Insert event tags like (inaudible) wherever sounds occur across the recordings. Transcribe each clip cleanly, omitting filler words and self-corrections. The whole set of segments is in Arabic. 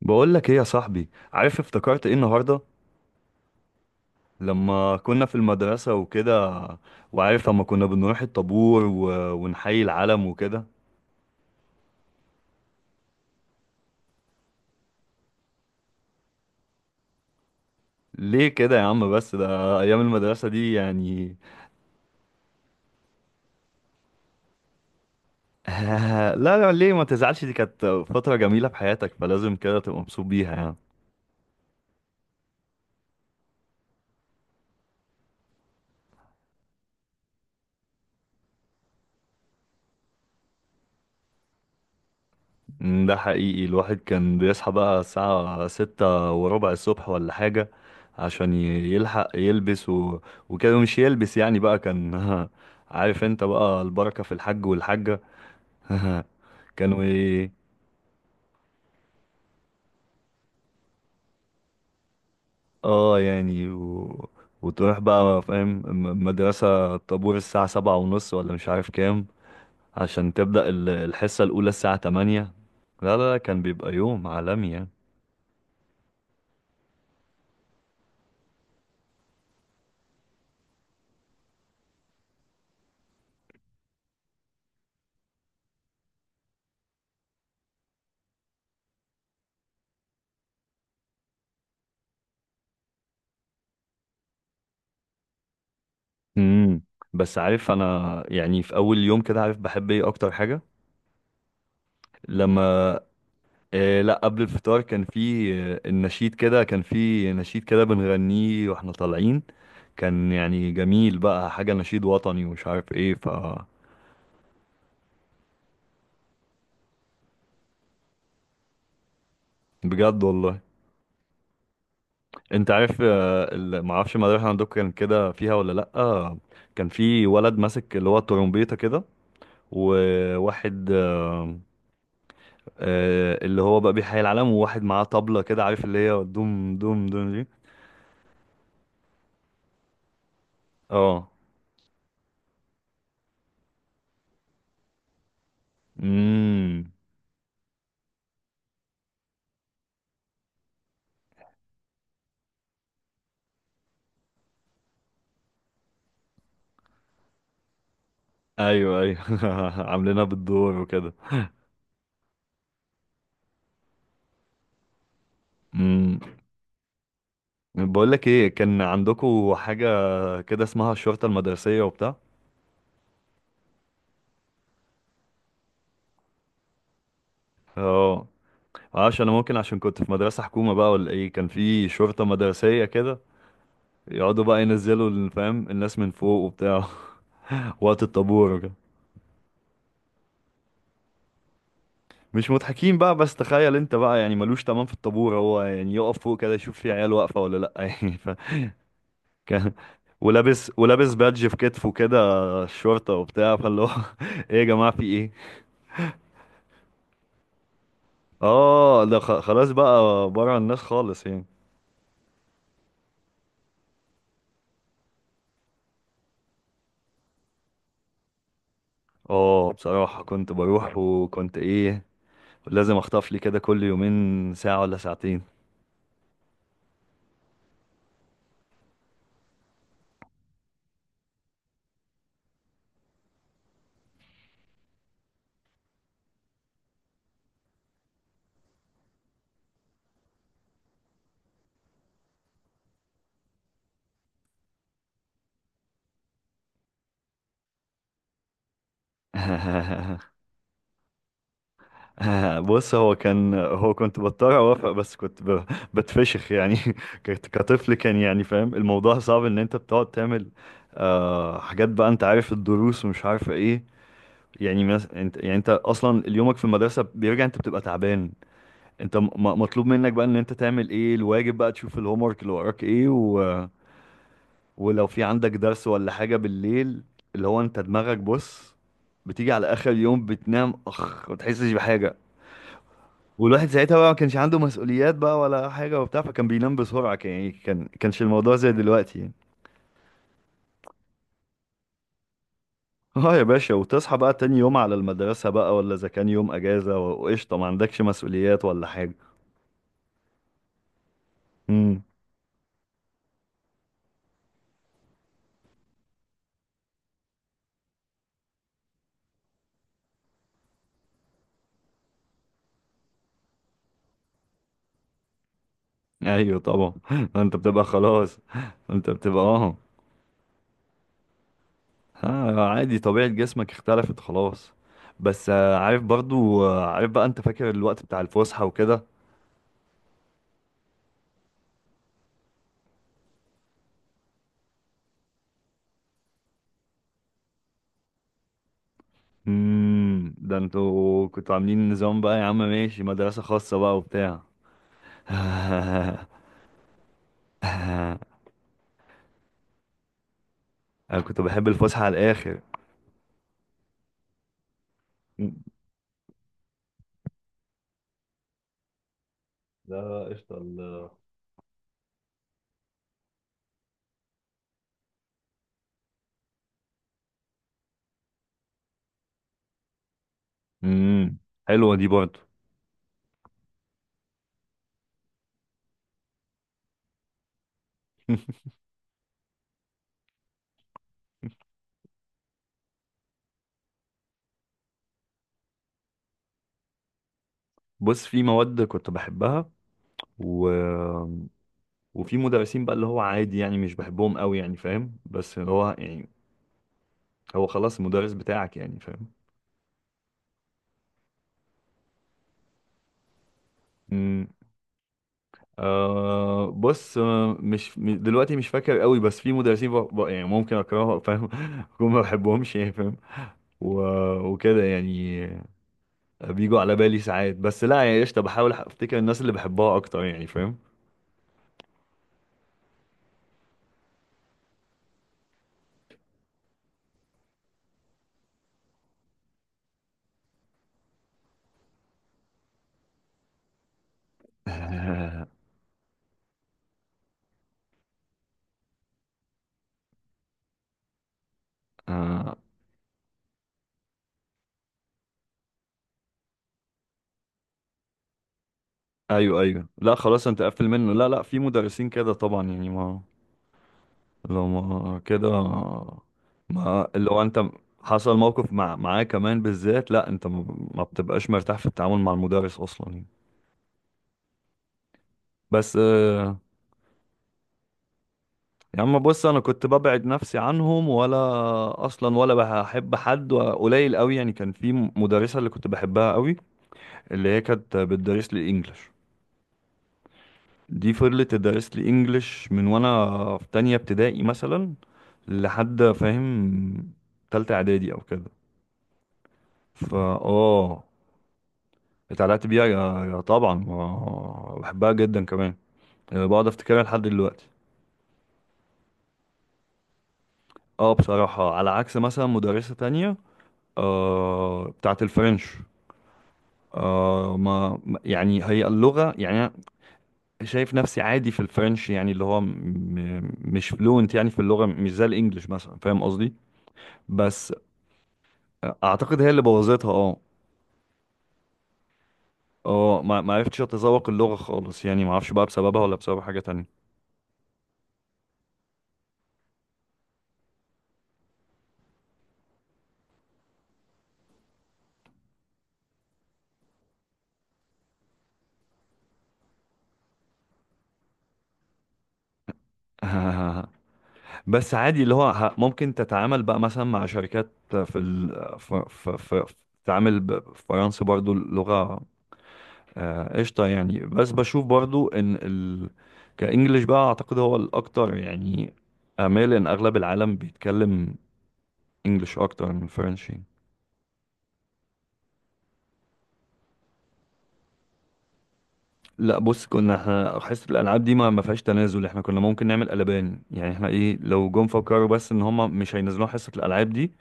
بقول لك ايه يا صاحبي، عارف افتكرت ايه النهارده لما كنا في المدرسة وكده. وعارف لما كنا بنروح الطابور ونحيي العلم وكده. ليه كده يا عم؟ بس ده ايام المدرسة دي يعني. (laughs) لا لا، ليه ما تزعلش؟ دي كانت فترة جميلة في حياتك، فلازم كده تبقى مبسوط بيها يعني. مم، ده حقيقي. الواحد كان بيصحى بقى الساعة 6:15 الصبح ولا حاجة. عشان يلحق يلبس وكده، مش يلبس يعني بقى كان. (laughs) عارف انت بقى، البركة في الحج والحاجة. (laughs) كانوا ايه؟ اه يعني وتروح بقى فاهم، مدرسة، الطابور الساعة 7:30 ولا مش عارف كام. عشان تبدأ الحصة الأولى الساعة 8. لا لا لا، كان بيبقى يوم عالمي يعني. امم. بس عارف انا يعني، في اول يوم كده عارف بحب ايه اكتر حاجه؟ لما إيه؟ لا، قبل الفطار كان في النشيد. كده كان في نشيد كده بنغنيه واحنا طالعين. كان يعني جميل بقى، حاجه نشيد وطني ومش عارف ايه ف، بجد والله. انت عارف معرفش المدرسه عندكم كان كده فيها ولا لا. كان في ولد ماسك اللي هو الترومبيته كده، وواحد اللي هو بقى بيحيي العالم، وواحد معاه طبلة كده، عارف اللي هي دوم دوم دوم دي. اه، امم. ايوه ايوه. (laughs) عاملينها بالدور وكده. امم. بقول لك ايه، كان عندكم حاجة كده اسمها الشرطة المدرسية وبتاع؟ اه، معرفش انا. ممكن عشان كنت في مدرسة حكومة بقى، ولا ايه كان في شرطة مدرسية كده. يقعدوا بقى ينزلوا فاهم الناس من فوق وبتاع. (laughs) وقت الطابور وكده. مش مضحكين بقى، بس تخيل انت بقى يعني ملوش تمام في الطابور، هو يعني يقف فوق كده يشوف في عيال واقفة ولا لأ. (laughs) يعني ف كان، ولابس بادج في كتفه كده، الشرطة وبتاع، فاللي هو (laughs) ايه يا جماعة في ايه؟ اه ده خلاص بقى بره الناس خالص يعني. اه بصراحة كنت بروح. وكنت ايه، لازم اخطف لي كده كل يومين ساعة ولا ساعتين. (laughs) (laughs) آه، بص. هو كنت بضطر اوافق، بس كنت بتفشخ يعني. (laughs) كطفل كان يعني، فاهم الموضوع صعب ان انت بتقعد تعمل آه حاجات بقى. انت عارف الدروس ومش عارف ايه. يعني انت يعني، انت اصلا يومك في المدرسه بيرجع انت بتبقى تعبان. انت مطلوب منك بقى ان انت تعمل ايه الواجب بقى، تشوف الهوم ورك اللي وراك ايه ولو في عندك درس ولا حاجه بالليل. اللي هو انت دماغك بص، بتيجي على اخر يوم بتنام اخ، ما بتحسش بحاجه. والواحد ساعتها بقى ما كانش عنده مسؤوليات بقى ولا حاجة وبتاع، فكان بينام بسرعة. كان يعني، كان كانش الموضوع زي دلوقتي يعني. (laughs) اه يا باشا، وتصحى بقى تاني يوم على المدرسة بقى، ولا إذا كان يوم أجازة وقشطة، ما عندكش مسؤوليات ولا حاجة. امم. أيوه طبعا. (laughs) أنت بتبقى خلاص. أنت بتبقى اه، آه، عادي، طبيعة جسمك اختلفت خلاص. بس عارف برضو، عارف بقى، أنت فاكر الوقت بتاع الفسحة وكده؟ امم. ده انتوا كنتوا عاملين نظام بقى يا عم، ماشي، مدرسة خاصة بقى وبتاع. (laughs) انا كنت بحب الفسحه على الاخر. لا قشطة امم. حلوه دي برضه. بص، في مواد كنت بحبها، و... وفي مدرسين بقى اللي هو عادي يعني، مش بحبهم قوي يعني فاهم. بس اللي هو يعني، هو خلاص المدرس بتاعك يعني فاهم. امم. آه بص، آه، مش م- دلوقتي مش فاكر قوي، بس في مدرسين يعني ممكن اكرههم فاهم. (laughs) ممكن ما بحبهمش يعني فاهم، و... وكده يعني. بيجوا على بالي ساعات، بس لا يعني قشطة، بحاول افتكر الناس اللي بحبها اكتر يعني فاهم. (laughs) آه، آه. ايوه ايوه، لا خلاص، انت قفل منه. لا لا، في مدرسين كده طبعا يعني، ما لو ما كده، ما اللي هو انت حصل موقف مع معاه كمان بالذات. لا انت ما بتبقاش مرتاح في التعامل مع المدرس اصلا يعني. بس آه، يا عم بص، انا كنت ببعد نفسي عنهم، ولا اصلا، ولا بحب حد، وقليل قوي يعني. كان في مدرسة اللي كنت بحبها قوي، اللي هي كانت بتدرس لي الانجليش. دي فضلت تدرس لي انجليش من وانا في تانية ابتدائي مثلا، لحد فاهم تالتة اعدادي او كده. فا، اه. اتعلقت بيها يا طبعا، آه، بحبها جدا كمان. آه، بقعد افتكرها لحد دلوقتي. اه بصراحة، على عكس مثلا مدرسة تانية آه بتاعت الفرنش. آه، يعني هي اللغة يعني، شايف نفسي عادي في الفرنش يعني، اللي هو مش فلوينت يعني في اللغة، مش زي الانجليش مثلا، فاهم قصدي. بس اعتقد هي اللي بوظتها، اه. اه، ما ما عرفتش اتذوق اللغة خالص يعني، ما اعرفش بقى بسببها ولا بسبب حاجة تانية. (laughs) بس عادي، اللي هو ممكن تتعامل بقى مثلا مع شركات في ال... في في في تعامل بفرنسي برضو اللغة. آه قشطة يعني، بس بشوف برضو ان كإنجليش بقى اعتقد هو الاكتر يعني، امال ان اغلب العالم بيتكلم انجليش اكتر من فرنشي. لا بص، كنا احنا حصة الالعاب دي ما فيهاش تنازل. احنا كنا ممكن نعمل قلبان يعني، احنا ايه لو جم فكروا بس ان هم مش هينزلوها حصة الالعاب دي.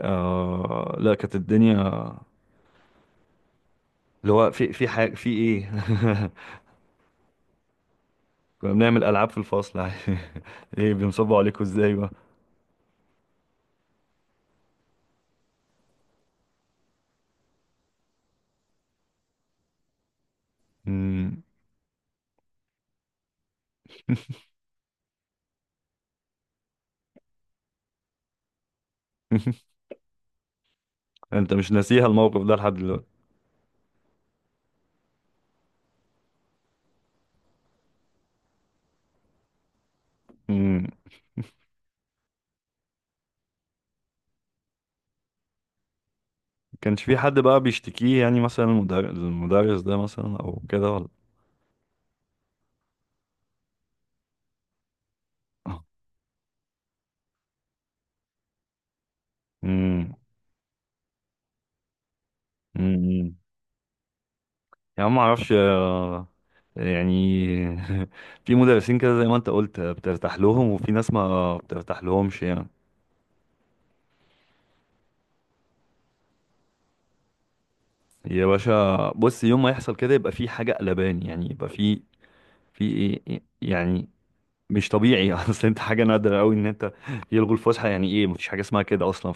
آه لا، كانت الدنيا، اللي هو في حاجة، في ايه. (laughs) كنا بنعمل العاب في الفصل عادي. (laughs) ايه بنصبوا عليكم ازاي بقى؟ مم. (laughs) انت مش ناسيها الموقف ده لحد دلوقتي. امم. كانش في حد بقى بيشتكيه يعني، مثلا المدرس ده مثلا او كده، ولا؟ امم، امم. يا عم، ما اعرفش آه، يعني (laughs) في مدرسين كده زي ما انت قلت، آه، بترتاح لهم وفي ناس ما بترتاح لهمش يعني. يا باشا بص، يوم ما يحصل كده يبقى في حاجة قلبان يعني، يبقى في، يعني مش طبيعي. (laughs) اصل انت حاجة نادرة قوي ان انت يلغوا الفسحة، يعني ايه مفيش حاجة اسمها كده اصلا.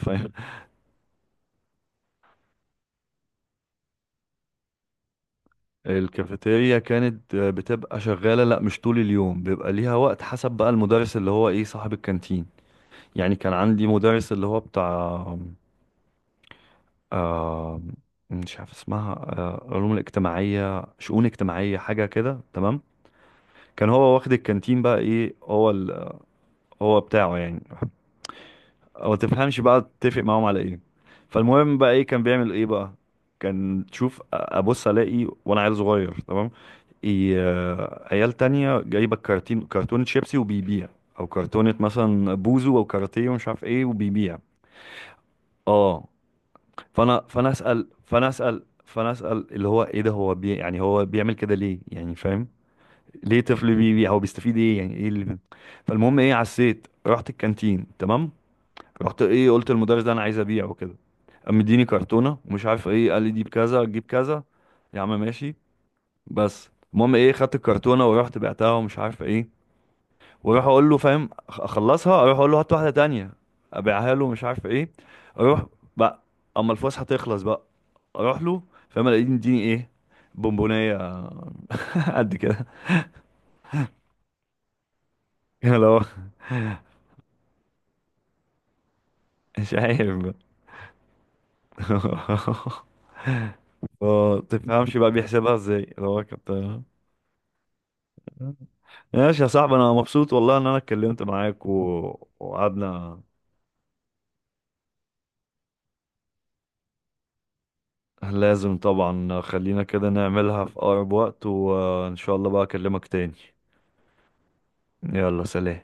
الكافيتيريا كانت آه، بتبقى شغالة. لا، مش طول اليوم، بيبقى ليها وقت، حسب بقى المدرس اللي هو ايه صاحب الكانتين. يعني كان عندي مدرس اللي هو بتاع آه، مش عارف اسمها. آه علوم الاجتماعية، شؤون اجتماعية، حاجة كده تمام. كان هو واخد الكانتين بقى، ايه، هو هو بتاعه يعني، او تفهمش بقى، تتفق معاهم على ايه. فالمهم بقى ايه كان بيعمل ايه بقى؟ كان تشوف، ابص الاقي وانا عيل صغير تمام، إيه آه، عيال تانية جايبة كرتونة شيبسي وبيبيع، او كرتونة مثلا بوزو او كاراتيه ومش عارف ايه وبيبيع. اه. فانا اسال اللي هو ايه ده، هو يعني هو بيعمل كده ليه يعني فاهم؟ ليه طفل بيبيع؟ هو بيستفيد ايه يعني؟ ايه اللي، فالمهم ايه، عسيت رحت الكانتين تمام. رحت، ايه، قلت للمدرس ده انا عايز ابيع وكده. قام مديني كرتونه ومش عارف ايه، قال لي دي بكذا تجيب كذا. يا عم ماشي. بس المهم ايه، خدت الكرتونه ورحت بعتها ومش عارف ايه. واروح اقول له فاهم، اخلصها، اروح اقول له هات واحده تانية ابيعها له مش عارف ايه، اروح بقى. اما الفلوس هتخلص بقى، اروح له فاهم، الاقيه مديني ايه؟ بونبونيه. (laughs) قد كده. اللي هو مش عارف بقى. (laughs) ما تفهمش بقى بيحسبها ازاي، اللي هو كابتن. ماشي يا صاحبي، انا مبسوط والله ان انا اتكلمت معاك وقعدنا. لازم طبعا، خلينا كده نعملها في اقرب وقت، وان شاء الله بقى اكلمك تاني. يلا سلام.